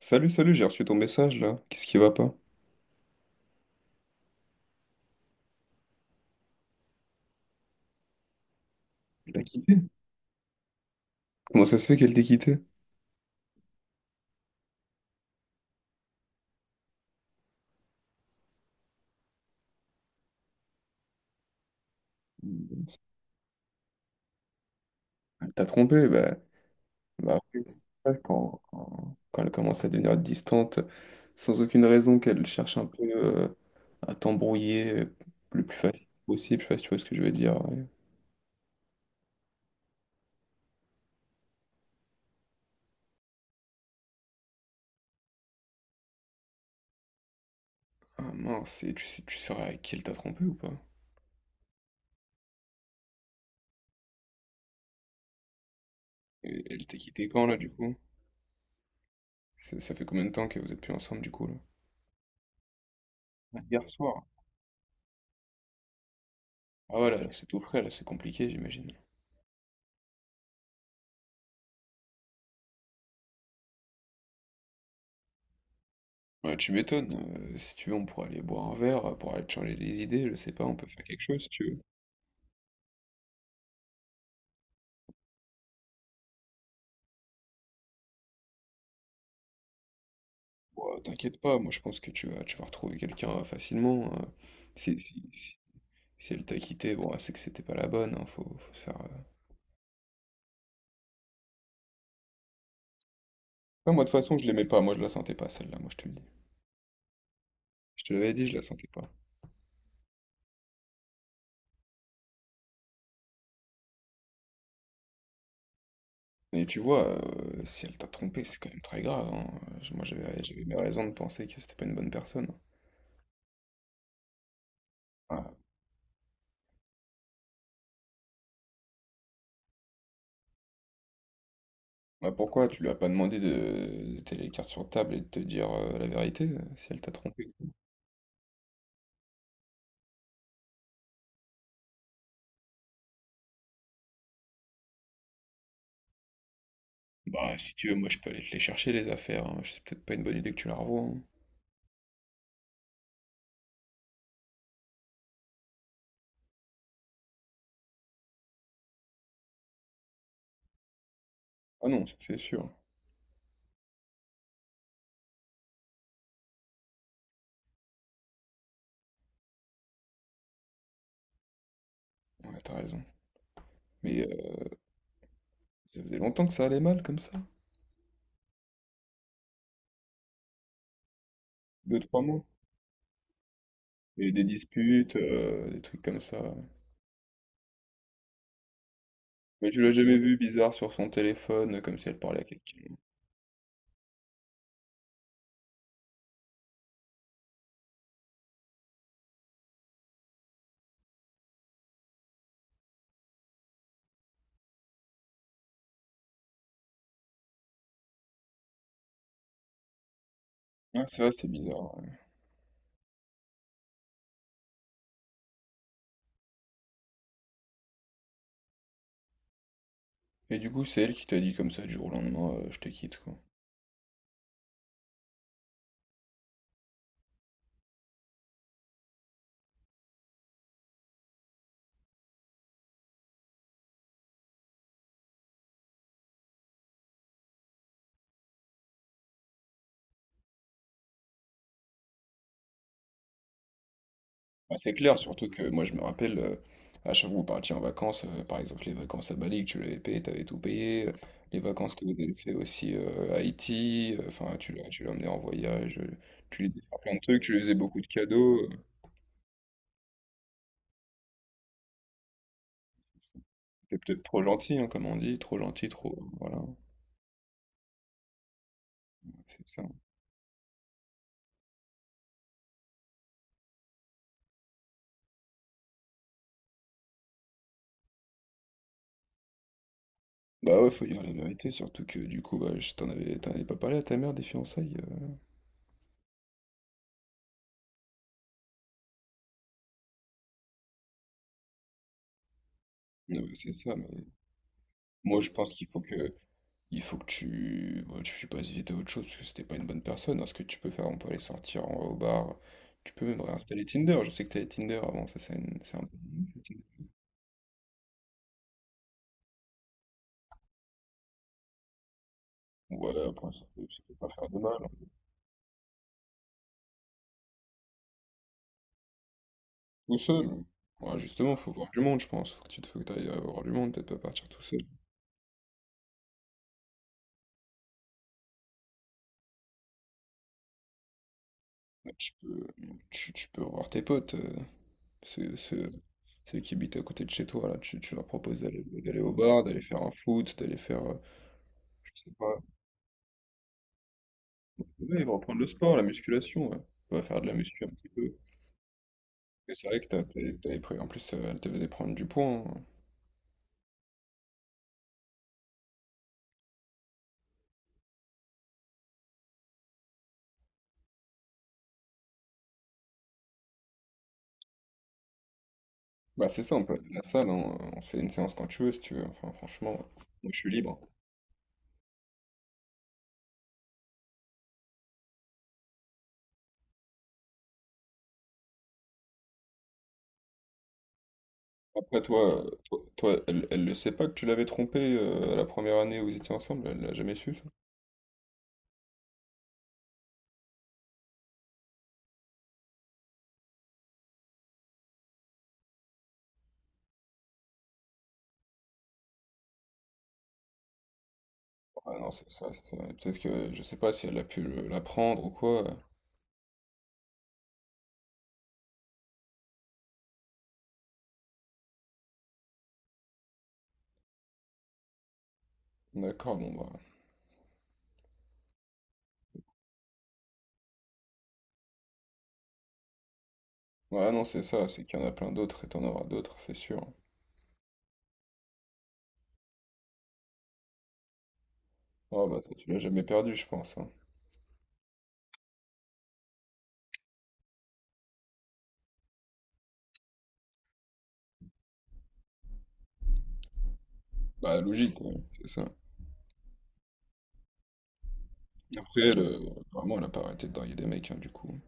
Salut, salut, j'ai reçu ton message là. Qu'est-ce qui va pas? Elle t'a quitté? Comment ça se fait qu'elle t'ait quitté? Elle t'a trompé, bah après, c'est ça, quand elle commence à devenir distante, sans aucune raison, qu'elle cherche un peu à t'embrouiller le plus facile possible, je sais pas si tu vois ce que je veux dire. Ouais. Ah mince, et tu sais, tu sauras avec qui elle t'a trompé ou pas? Et elle t'a quitté quand là du coup? Ça fait combien de temps que vous êtes plus ensemble du coup là? Ah, hier soir. Ah voilà, c'est tout frais, là, c'est compliqué, j'imagine. Ouais, tu m'étonnes, si tu veux, on pourrait aller boire un verre, pour aller te changer les idées, je sais pas, on peut faire quelque chose si tu veux. Ouah, t'inquiète pas, moi je pense que tu vas retrouver quelqu'un facilement, si si si si elle t'a quitté, bon, c'est que c'était pas la bonne, hein, faut se faire, non, moi de toute façon, je l'aimais pas, moi je la sentais pas celle-là, moi je te le dis. Je te l'avais dit, je la sentais pas. Et tu vois, si elle t'a trompé, c'est quand même très grave, hein, moi j'avais mes raisons de penser que c'était pas une bonne personne, hein. Bah pourquoi? Tu lui as pas demandé de t'aller les cartes sur table et de te dire la vérité, si elle t'a trompé. Bah si tu veux, moi je peux aller te les chercher les affaires, hein. C'est peut-être pas une bonne idée que tu la revoies. Hein. Ah non, ça, c'est sûr. Ouais, t'as raison. Mais ça faisait longtemps que ça allait mal comme ça. Deux, trois mois. Et des disputes, des trucs comme ça. Mais tu l'as jamais vu bizarre sur son téléphone, comme si elle parlait à quelqu'un. Ah ça, c'est bizarre. Ouais. Et du coup, c'est elle qui t'a dit comme ça du jour au lendemain, je te quitte, quoi. Bah, c'est clair, surtout que moi je me rappelle, à chaque fois que vous partiez en vacances, par exemple les vacances à Bali, que tu l'avais payé, t'avais tout payé, les vacances que vous avez fait aussi à Haïti, enfin tu l'as emmené en voyage, tu lui faisais faire plein de trucs, tu lui faisais beaucoup de cadeaux, t'es peut-être trop gentil, hein, comme on dit, trop gentil, trop... Voilà, c'est ça. Bah ouais, faut dire la vérité, surtout que du coup, bah, t'en avais pas parlé à ta mère des fiançailles. Euh. Ouais, c'est ça, mais moi je pense qu'il faut que il faut que tu, bon, tu passes vite à autre chose parce que c'était pas une bonne personne. Alors, ce que tu peux faire, on peut aller sortir au bar. Tu peux même réinstaller Tinder. Je sais que t'avais Tinder avant, ça c'est un peu. Ouais, après, ça peut pas faire de mal. Hein. Tout seul. Ouais, justement, faut voir du monde, je pense. Faut que t'ailles voir du monde, peut-être pas partir tout seul. Bah, tu peux revoir tes potes, ceux, ceux- ceux qui habitent à côté de chez toi, là. Tu leur proposes d'aller au bar, d'aller faire un foot, d'aller faire, je sais pas. Ouais, ils vont reprendre le sport, la musculation, ouais. On va faire de la muscu un petit peu. Mais c'est vrai que t'avais pris. En plus, elle te faisait prendre du poids. Hein. Bah, c'est ça, on peut aller à la salle, hein. On se fait une séance quand tu veux, si tu veux. Enfin, franchement, moi, je suis libre. Après, elle le sait pas que tu l'avais trompé la première année où vous étiez ensemble, elle l'a jamais su, ça. Ah non, c'est ça. Peut-être que je sais pas si elle a pu l'apprendre ou quoi. D'accord, bon, bah. Ouais, non, c'est ça, c'est qu'il y en a plein d'autres et t'en auras d'autres, c'est sûr. Ah, bah, toi, tu l'as jamais perdu, je pense. Hein. Bah, logique, ouais, c'est ça. Après, elle, vraiment, elle a pas arrêté de draguer des mecs, hein, du coup.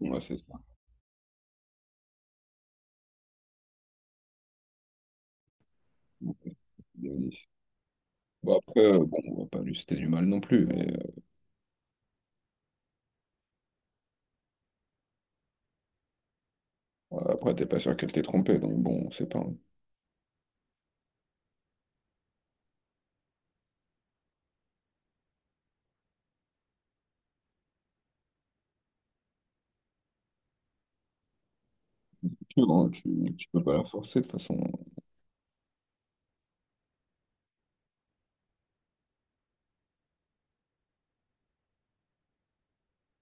Ouais, c'est ça. Bon, après, bon, on va pas lui citer du mal non plus, mais ouais, après, t'es pas sûr qu'elle t'ait trompé, donc bon, c'est pas un futur, hein, tu peux pas la forcer de toute façon.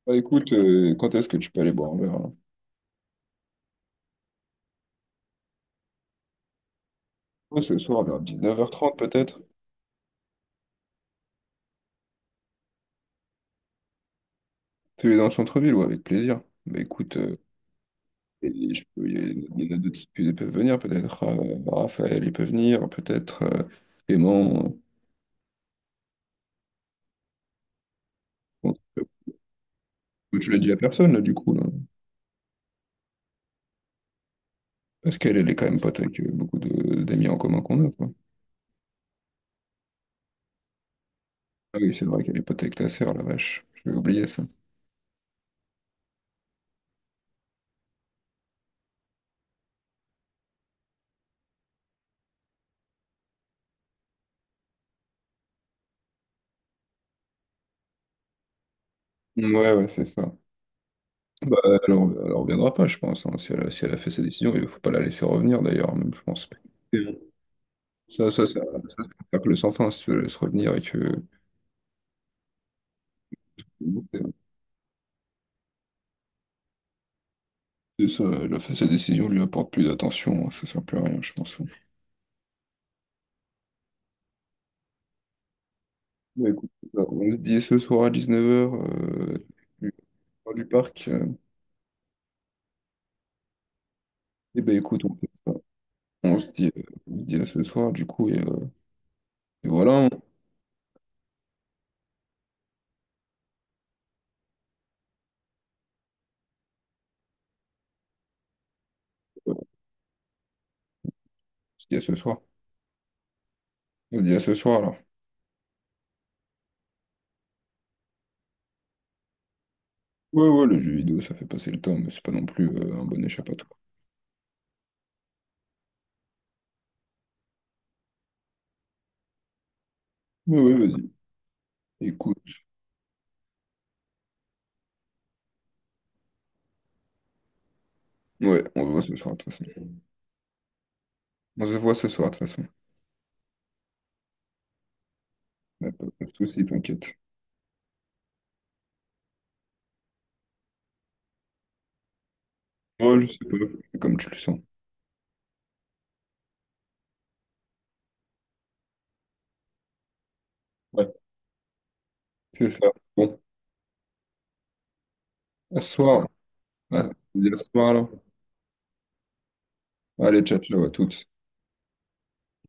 Bah écoute, quand est-ce que tu peux aller boire un verre là? Ouais, ce soir, vers 19:30 peut-être. Tu es dans le centre-ville, ouais, avec plaisir. Bah écoute, et je peux, il y a il y en a d'autres qui ils peuvent venir, peut-être Raphaël, il peut venir, peut-être Clément. Euh, bon, tu l'as dit à personne, là, du coup, là. Parce qu'elle, elle est quand même pote avec d'amis en commun qu'on a, quoi. Ah oui, c'est vrai qu'elle est pote avec ta sœur, la vache. J'avais oublié ça. Ouais, ouais, c'est ça. Bah, elle en reviendra pas, je pense. Hein. Si elle a fait sa décision, il faut pas la laisser revenir, d'ailleurs, même, je pense. C'est bon. Ça, ça, ça, ça, ça que le sans fin, si tu la laisses revenir et que... C'est ça, elle a fait sa décision, lui apporte plus d'attention, hein, ça sert plus à rien, je pense. Bah, écoute, alors, on se dit ce soir à 19h, du parc. Euh, eh ben écoute, on fait ça. On se dit à ce soir, du coup, et voilà, on se dit à ce soir. On se dit à ce soir, alors. Ouais, ouais, le jeu vidéo, ça fait passer le temps, mais c'est pas non plus un bon échappatoire. Ouais, ouais, vas-y. Écoute. Ouais, on se voit ce soir, de toute façon. On se voit ce soir, de toute façon. Ouais, pas de soucis, t'inquiète. Ouais, je sais pas, c'est comme tu le sens. Ouais, c'est ça. Bon, à ce soir. Ouais, on se dit à ce soir, alors. Allez, ciao, ciao à toutes.